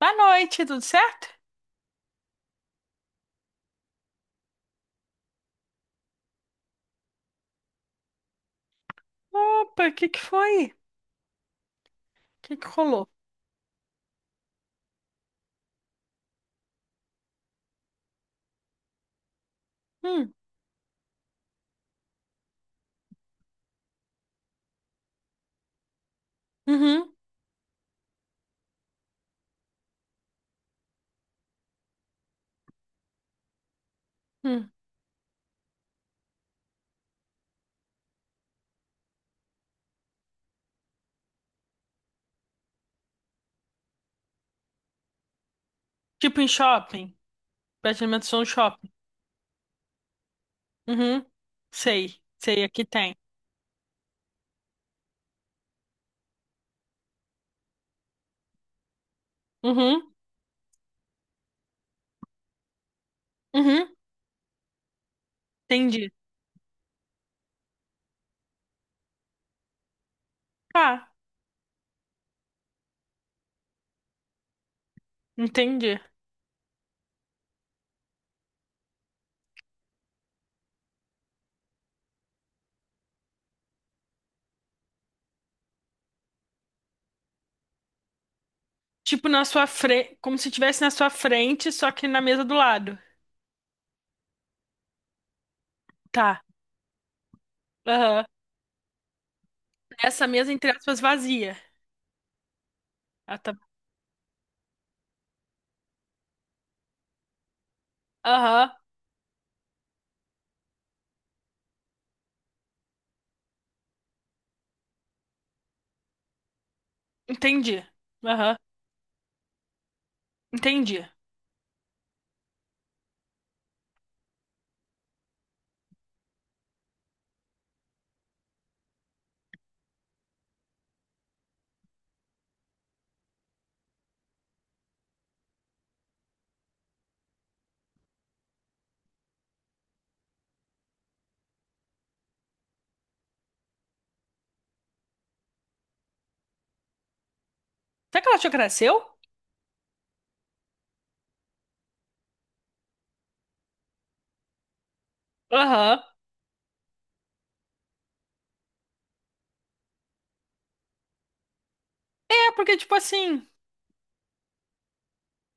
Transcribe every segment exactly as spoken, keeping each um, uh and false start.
Boa noite, tudo certo? Opa, o que que foi? O que que rolou? Hum, uhum, hum. Tipo em shopping, pré-alimentação no shopping. Uhum, sei, sei, aqui tem. Uhum, uhum, entendi. Tá, entendi. Tipo na sua frente, como se estivesse na sua frente, só que na mesa do lado. Tá, aham. Essa mesa, entre aspas, vazia. Ah, tá. Aham, entendi. Aham, entendi. Será que ela achou que era seu? Aham. É, porque tipo assim...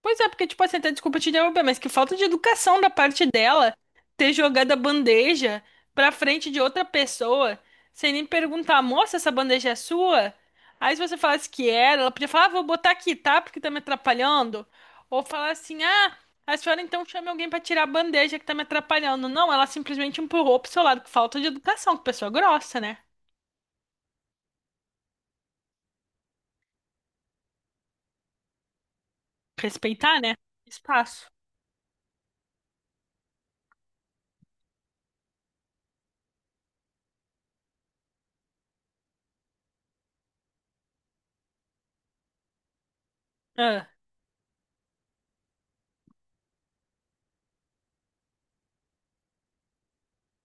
Pois é, porque, tipo assim, até desculpa te interromper, mas que falta de educação da parte dela ter jogado a bandeja pra frente de outra pessoa, sem nem perguntar, moça, essa bandeja é sua? Aí se você falasse que era, ela podia falar, ah, vou botar aqui, tá? Porque tá me atrapalhando. Ou falar assim, ah, a senhora então chame alguém pra tirar a bandeja que tá me atrapalhando. Não, ela simplesmente empurrou pro seu lado, que falta de educação, que pessoa grossa, né? Respeitar, né? Espaço. Ah,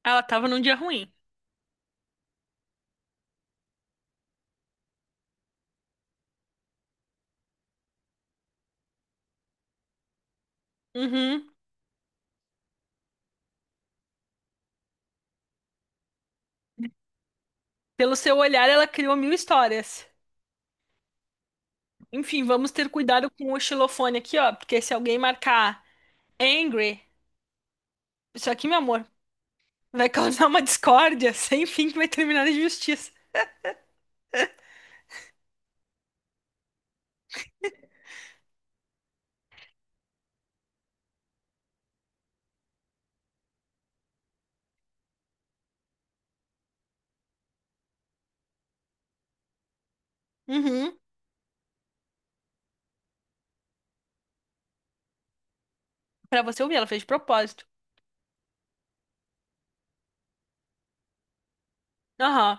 ela tava num dia ruim. Uhum. Pelo seu olhar, ela criou mil histórias. Enfim, vamos ter cuidado com o xilofone aqui, ó, porque se alguém marcar angry, isso aqui, meu amor, vai causar uma discórdia sem fim que vai terminar em justiça. Uhum. Pra você ouvir, ela fez de propósito. Aham.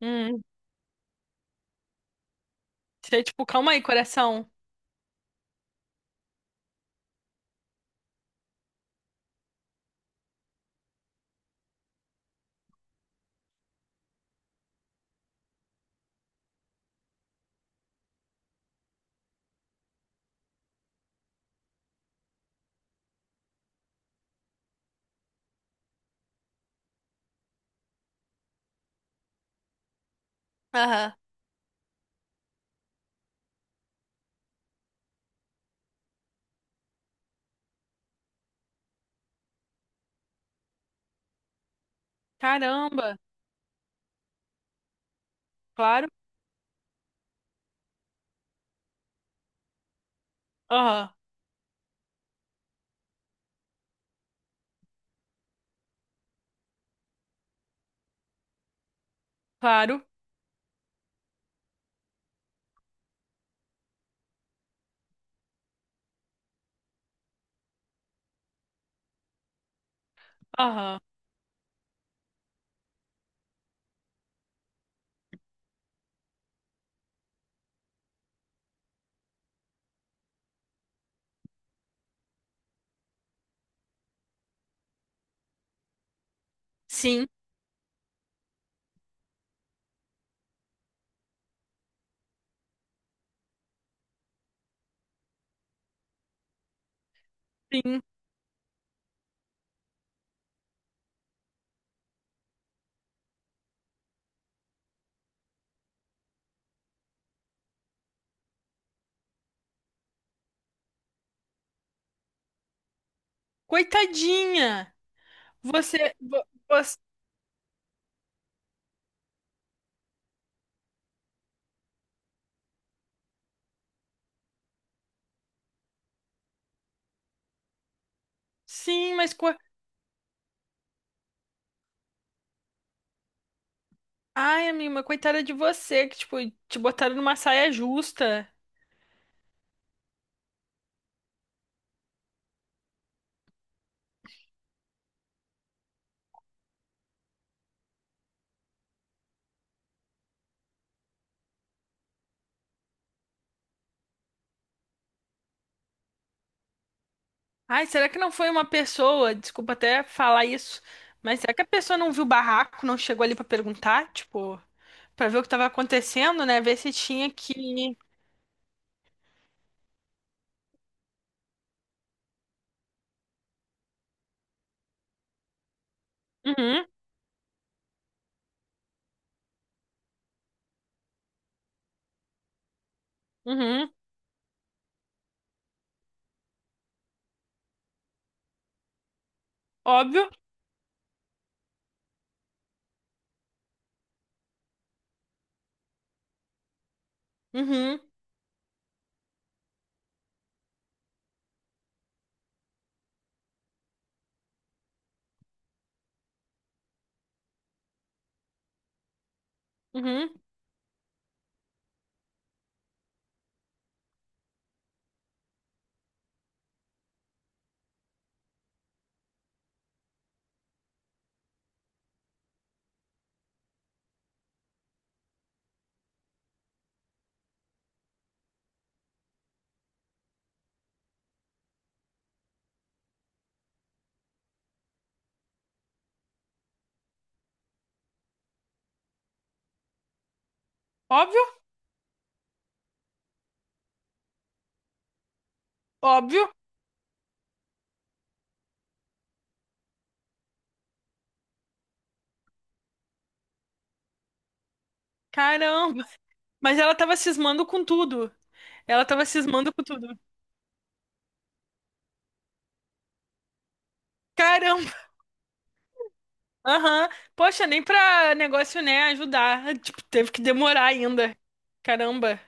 Hum. Você, é tipo, calma aí, coração. Aham. Caramba. Claro. Aham. Claro. Aham. Sim. Sim. Coitadinha. Você, vo- você... Sim, mas ai, amiga, coitada de você, que, tipo, te botaram numa saia justa. Ai, será que não foi uma pessoa? Desculpa até falar isso, mas será que a pessoa não viu o barraco, não chegou ali pra perguntar, tipo, pra ver o que tava acontecendo, né? Ver se tinha que. Uhum, uhum, óbvio, uhum, uhum, óbvio, óbvio. Caramba! Mas ela tava cismando com tudo. Ela tava cismando com tudo. Caramba! Aham. Poxa, nem pra negócio, né, ajudar. Tipo, teve que demorar ainda. Caramba.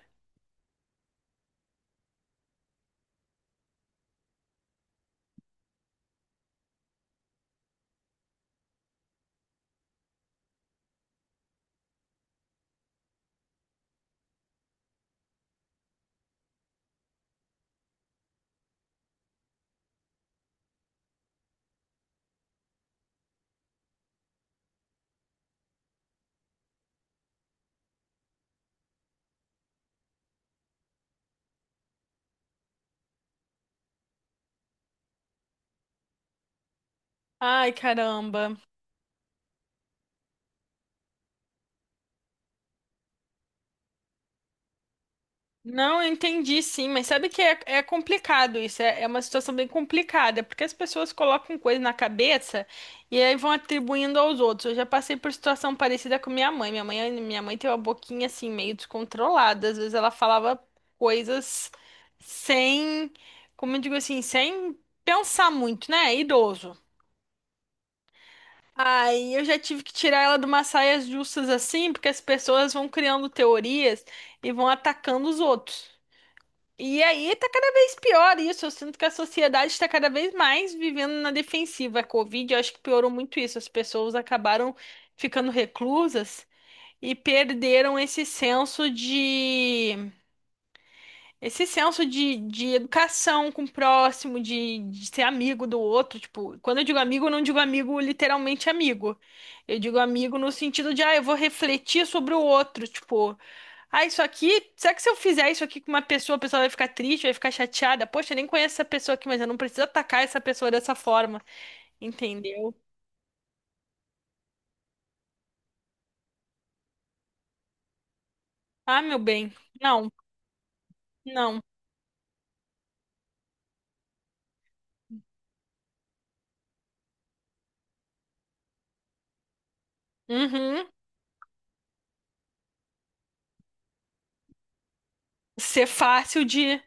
Ai, caramba. Não, eu entendi sim, mas sabe que é, é complicado isso, é, é uma situação bem complicada, porque as pessoas colocam coisa na cabeça e aí vão atribuindo aos outros. Eu já passei por situação parecida com minha mãe. Minha mãe, minha mãe tem uma boquinha assim, meio descontrolada. Às vezes ela falava coisas sem, como eu digo assim, sem pensar muito, né? É idoso. Aí eu já tive que tirar ela de umas saias justas assim, porque as pessoas vão criando teorias e vão atacando os outros. E aí tá cada vez pior isso. Eu sinto que a sociedade está cada vez mais vivendo na defensiva. A Covid, eu acho que piorou muito isso. As pessoas acabaram ficando reclusas e perderam esse senso de esse senso de, de educação com o próximo, de, de ser amigo do outro, tipo, quando eu digo amigo, eu não digo amigo literalmente amigo. Eu digo amigo no sentido de, ah, eu vou refletir sobre o outro, tipo, ah, isso aqui, será que se eu fizer isso aqui com uma pessoa, a pessoa vai ficar triste, vai ficar chateada? Poxa, eu nem conheço essa pessoa aqui, mas eu não preciso atacar essa pessoa dessa forma, entendeu? Ah, meu bem, não, não. Uhum. Ser fácil de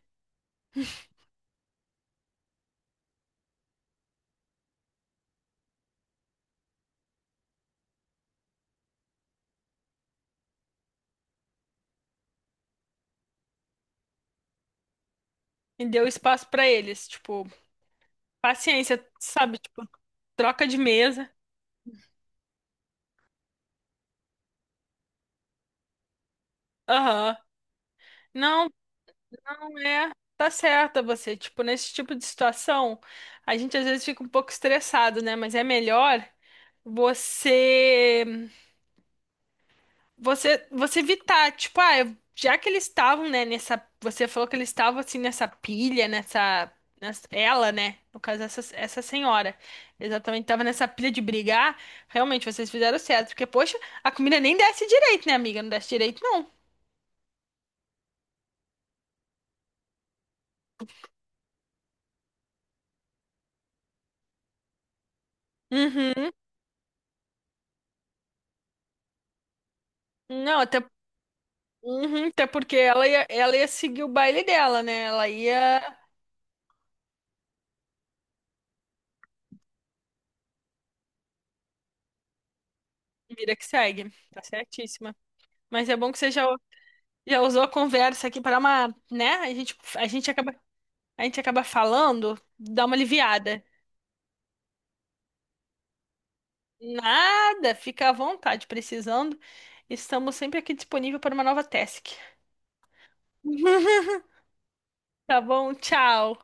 de dar espaço pra eles, tipo, paciência, sabe? Tipo, troca de mesa. Aham. Não, não é. Tá certa você. Tipo, nesse tipo de situação, a gente às vezes fica um pouco estressado, né? Mas é melhor você você você evitar, tipo, ah, eu- já que eles estavam, né, nessa, você falou que eles estavam assim nessa pilha, nessa, nessa- ela, né, no caso essa, essa senhora, exatamente estava nessa pilha de brigar, realmente vocês fizeram certo, porque poxa, a comida nem desce direito, né, amiga? Não desce direito, não. Uhum. Não, até uhum, até porque ela ia, ela ia seguir o baile dela, né? Ela ia. Vida que segue. Tá certíssima. Mas é bom que você já, já usou a conversa aqui para uma, né? A gente, a gente acaba, a gente acaba falando, dá uma aliviada. Nada, fica à vontade, precisando. Estamos sempre aqui disponível para uma nova task. Tá bom? Tchau.